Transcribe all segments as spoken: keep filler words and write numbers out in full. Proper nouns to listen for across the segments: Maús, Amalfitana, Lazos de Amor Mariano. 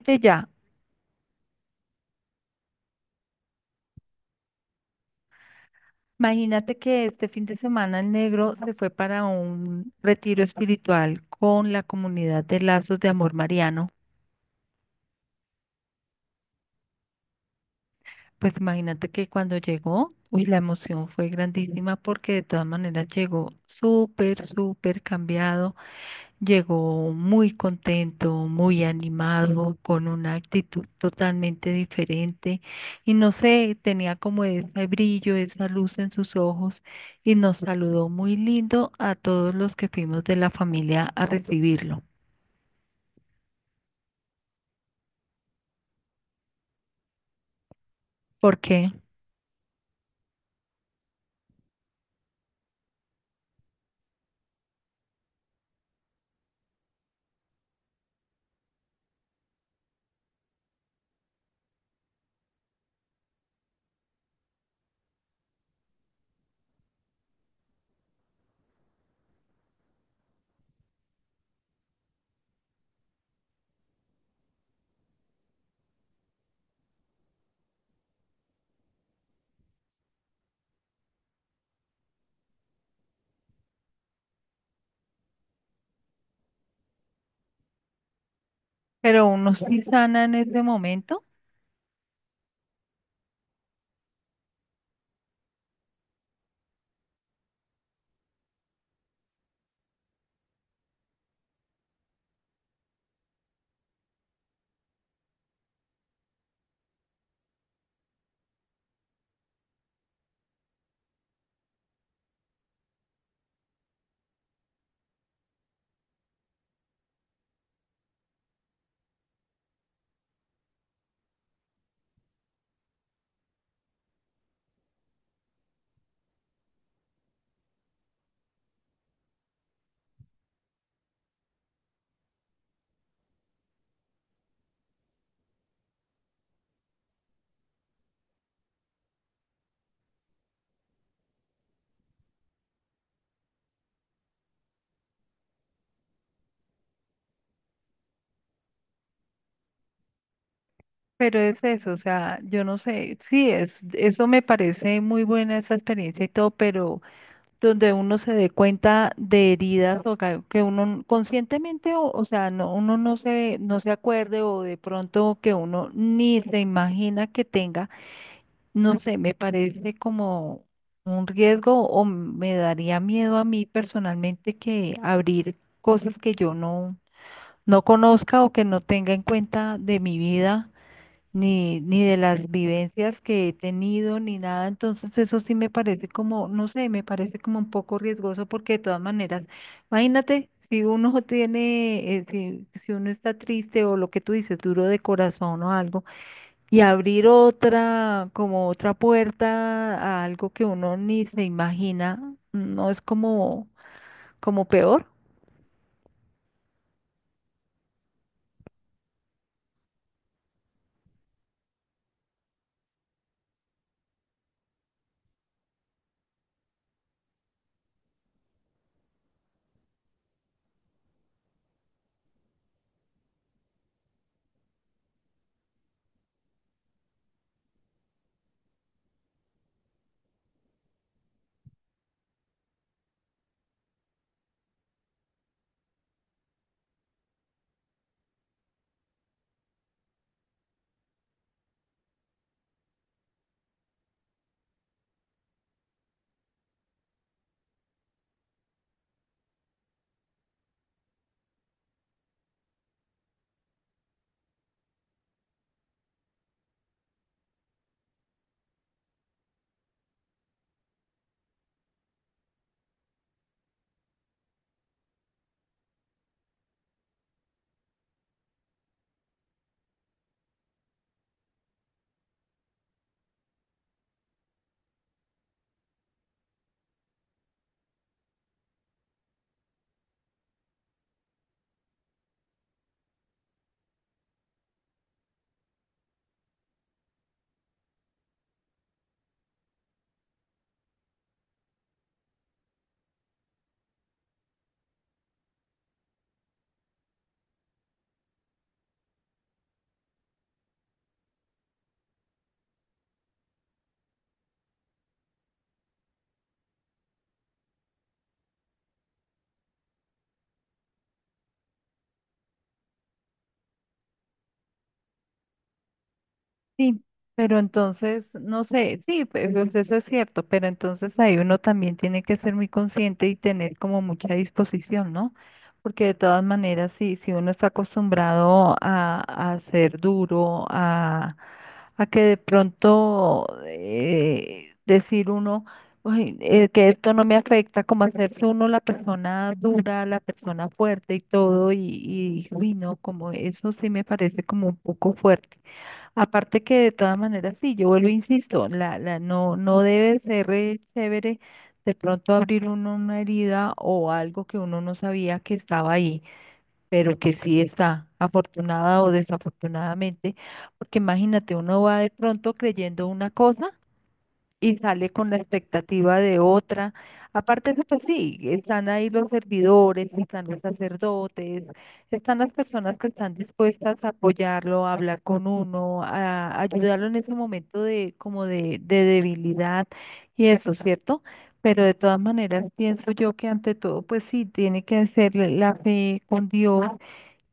Este ya, Imagínate que este fin de semana el negro se fue para un retiro espiritual con la comunidad de Lazos de Amor Mariano. Pues imagínate que cuando llegó, uy, la emoción fue grandísima porque de todas maneras llegó súper, súper cambiado, llegó muy contento, muy animado, con una actitud totalmente diferente y no sé, tenía como ese brillo, esa luz en sus ojos y nos saludó muy lindo a todos los que fuimos de la familia a recibirlo. ¿Por qué? Pero uno sí sana en ese momento. Pero es eso, o sea, yo no sé, sí, es, eso me parece muy buena esa experiencia y todo, pero donde uno se dé cuenta de heridas o ca- que uno conscientemente, o, o sea, no, uno no se, no se acuerde o de pronto que uno ni se imagina que tenga, no sé, me parece como un riesgo o me daría miedo a mí personalmente que abrir cosas que yo no, no conozca o que no tenga en cuenta de mi vida ni, ni de las vivencias que he tenido, ni nada. Entonces eso sí me parece como, no sé, me parece como un poco riesgoso porque de todas maneras, imagínate, si uno tiene, eh, si, si uno está triste o lo que tú dices, duro de corazón o algo, y abrir otra, como otra puerta a algo que uno ni se imagina, no es como, como peor. Sí, pero entonces, no sé, sí, pe- pues eso es cierto, pero entonces ahí uno también tiene que ser muy consciente y tener como mucha disposición, ¿no? Porque de todas maneras, sí, si uno está acostumbrado a, a ser duro, a, a que de pronto eh, decir uno, "Uy, eh, que esto no me afecta", como hacerse uno la persona dura, la persona fuerte y todo, y, y uy, no, como eso sí me parece como un poco fuerte. Aparte que de todas maneras, sí, yo vuelvo, e insisto, la, la, no, no debe ser eh, chévere de pronto abrir uno una herida o algo que uno no sabía que estaba ahí, pero que sí está, afortunada o desafortunadamente, porque imagínate, uno va de pronto creyendo una cosa y sale con la expectativa de otra. Aparte de eso, pues sí, están ahí los servidores, están los sacerdotes, están las personas que están dispuestas a apoyarlo, a hablar con uno, a ayudarlo en ese momento de como de, de debilidad y eso, ¿cierto? Pero de todas maneras pienso yo que ante todo, pues sí, tiene que ser la la fe con Dios,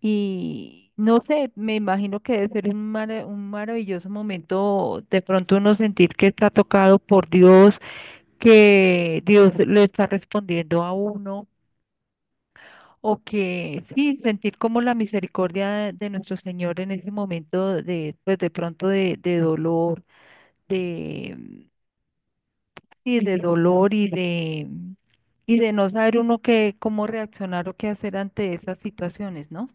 y no sé, me imagino que debe ser un, mara- un maravilloso momento de pronto uno sentir que está tocado por Dios, que Dios le está respondiendo a uno, o que sí, sentir como la misericordia de, de nuestro Señor en ese momento de, pues de pronto de, de dolor, de, sí, de dolor y de, y de no saber uno qué, cómo reaccionar o qué hacer ante esas situaciones, ¿no?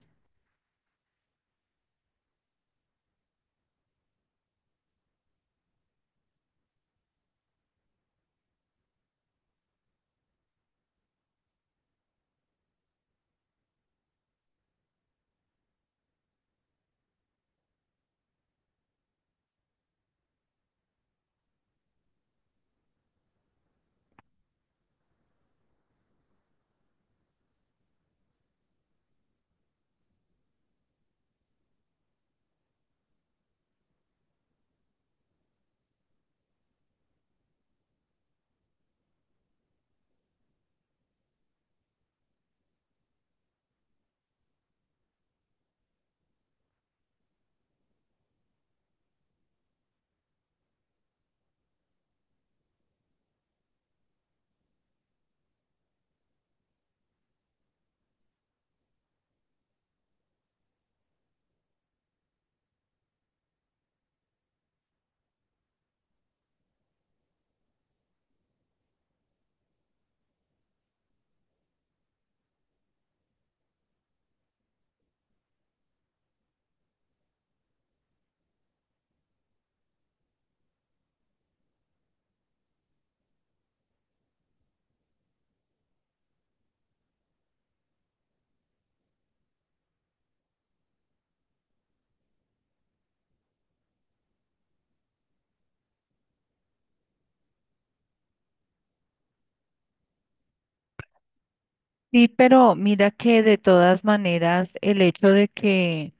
Sí, pero mira que de todas maneras el hecho de que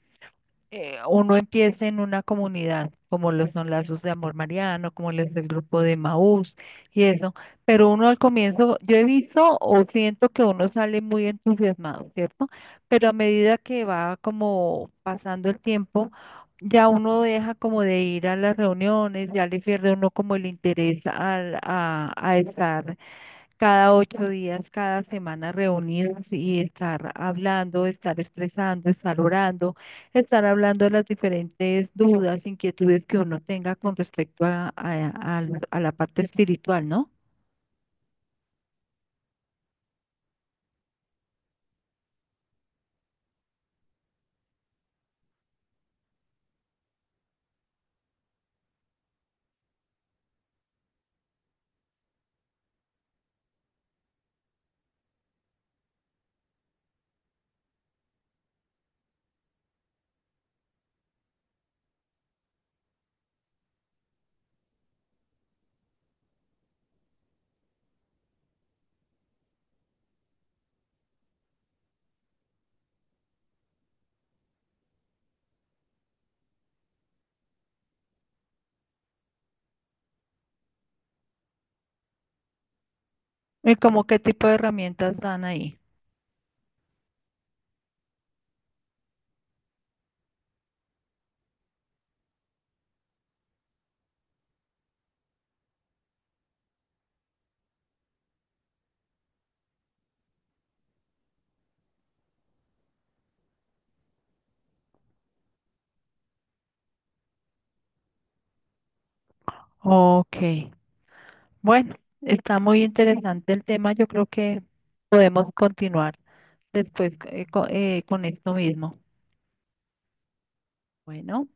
eh, uno empiece en una comunidad, como lo son Lazos de Amor Mariano, como lo es el grupo de Maús y eso, pero uno al comienzo, yo he visto o siento que uno sale muy entusiasmado, ¿cierto? Pero a medida que va como pasando el tiempo, ya uno deja como de ir a las reuniones, ya le pierde uno como el interés al- a, a estar cada ocho días, cada semana reunidos y estar hablando, estar expresando, estar orando, estar hablando de las diferentes dudas, inquietudes que uno tenga con respecto a, a- a los- a la parte espiritual, ¿no? ¿Y como qué tipo de herramientas dan ahí? Ok, bueno, está muy interesante el tema. Yo creo que podemos continuar después eh, co- eh, con esto mismo. Bueno.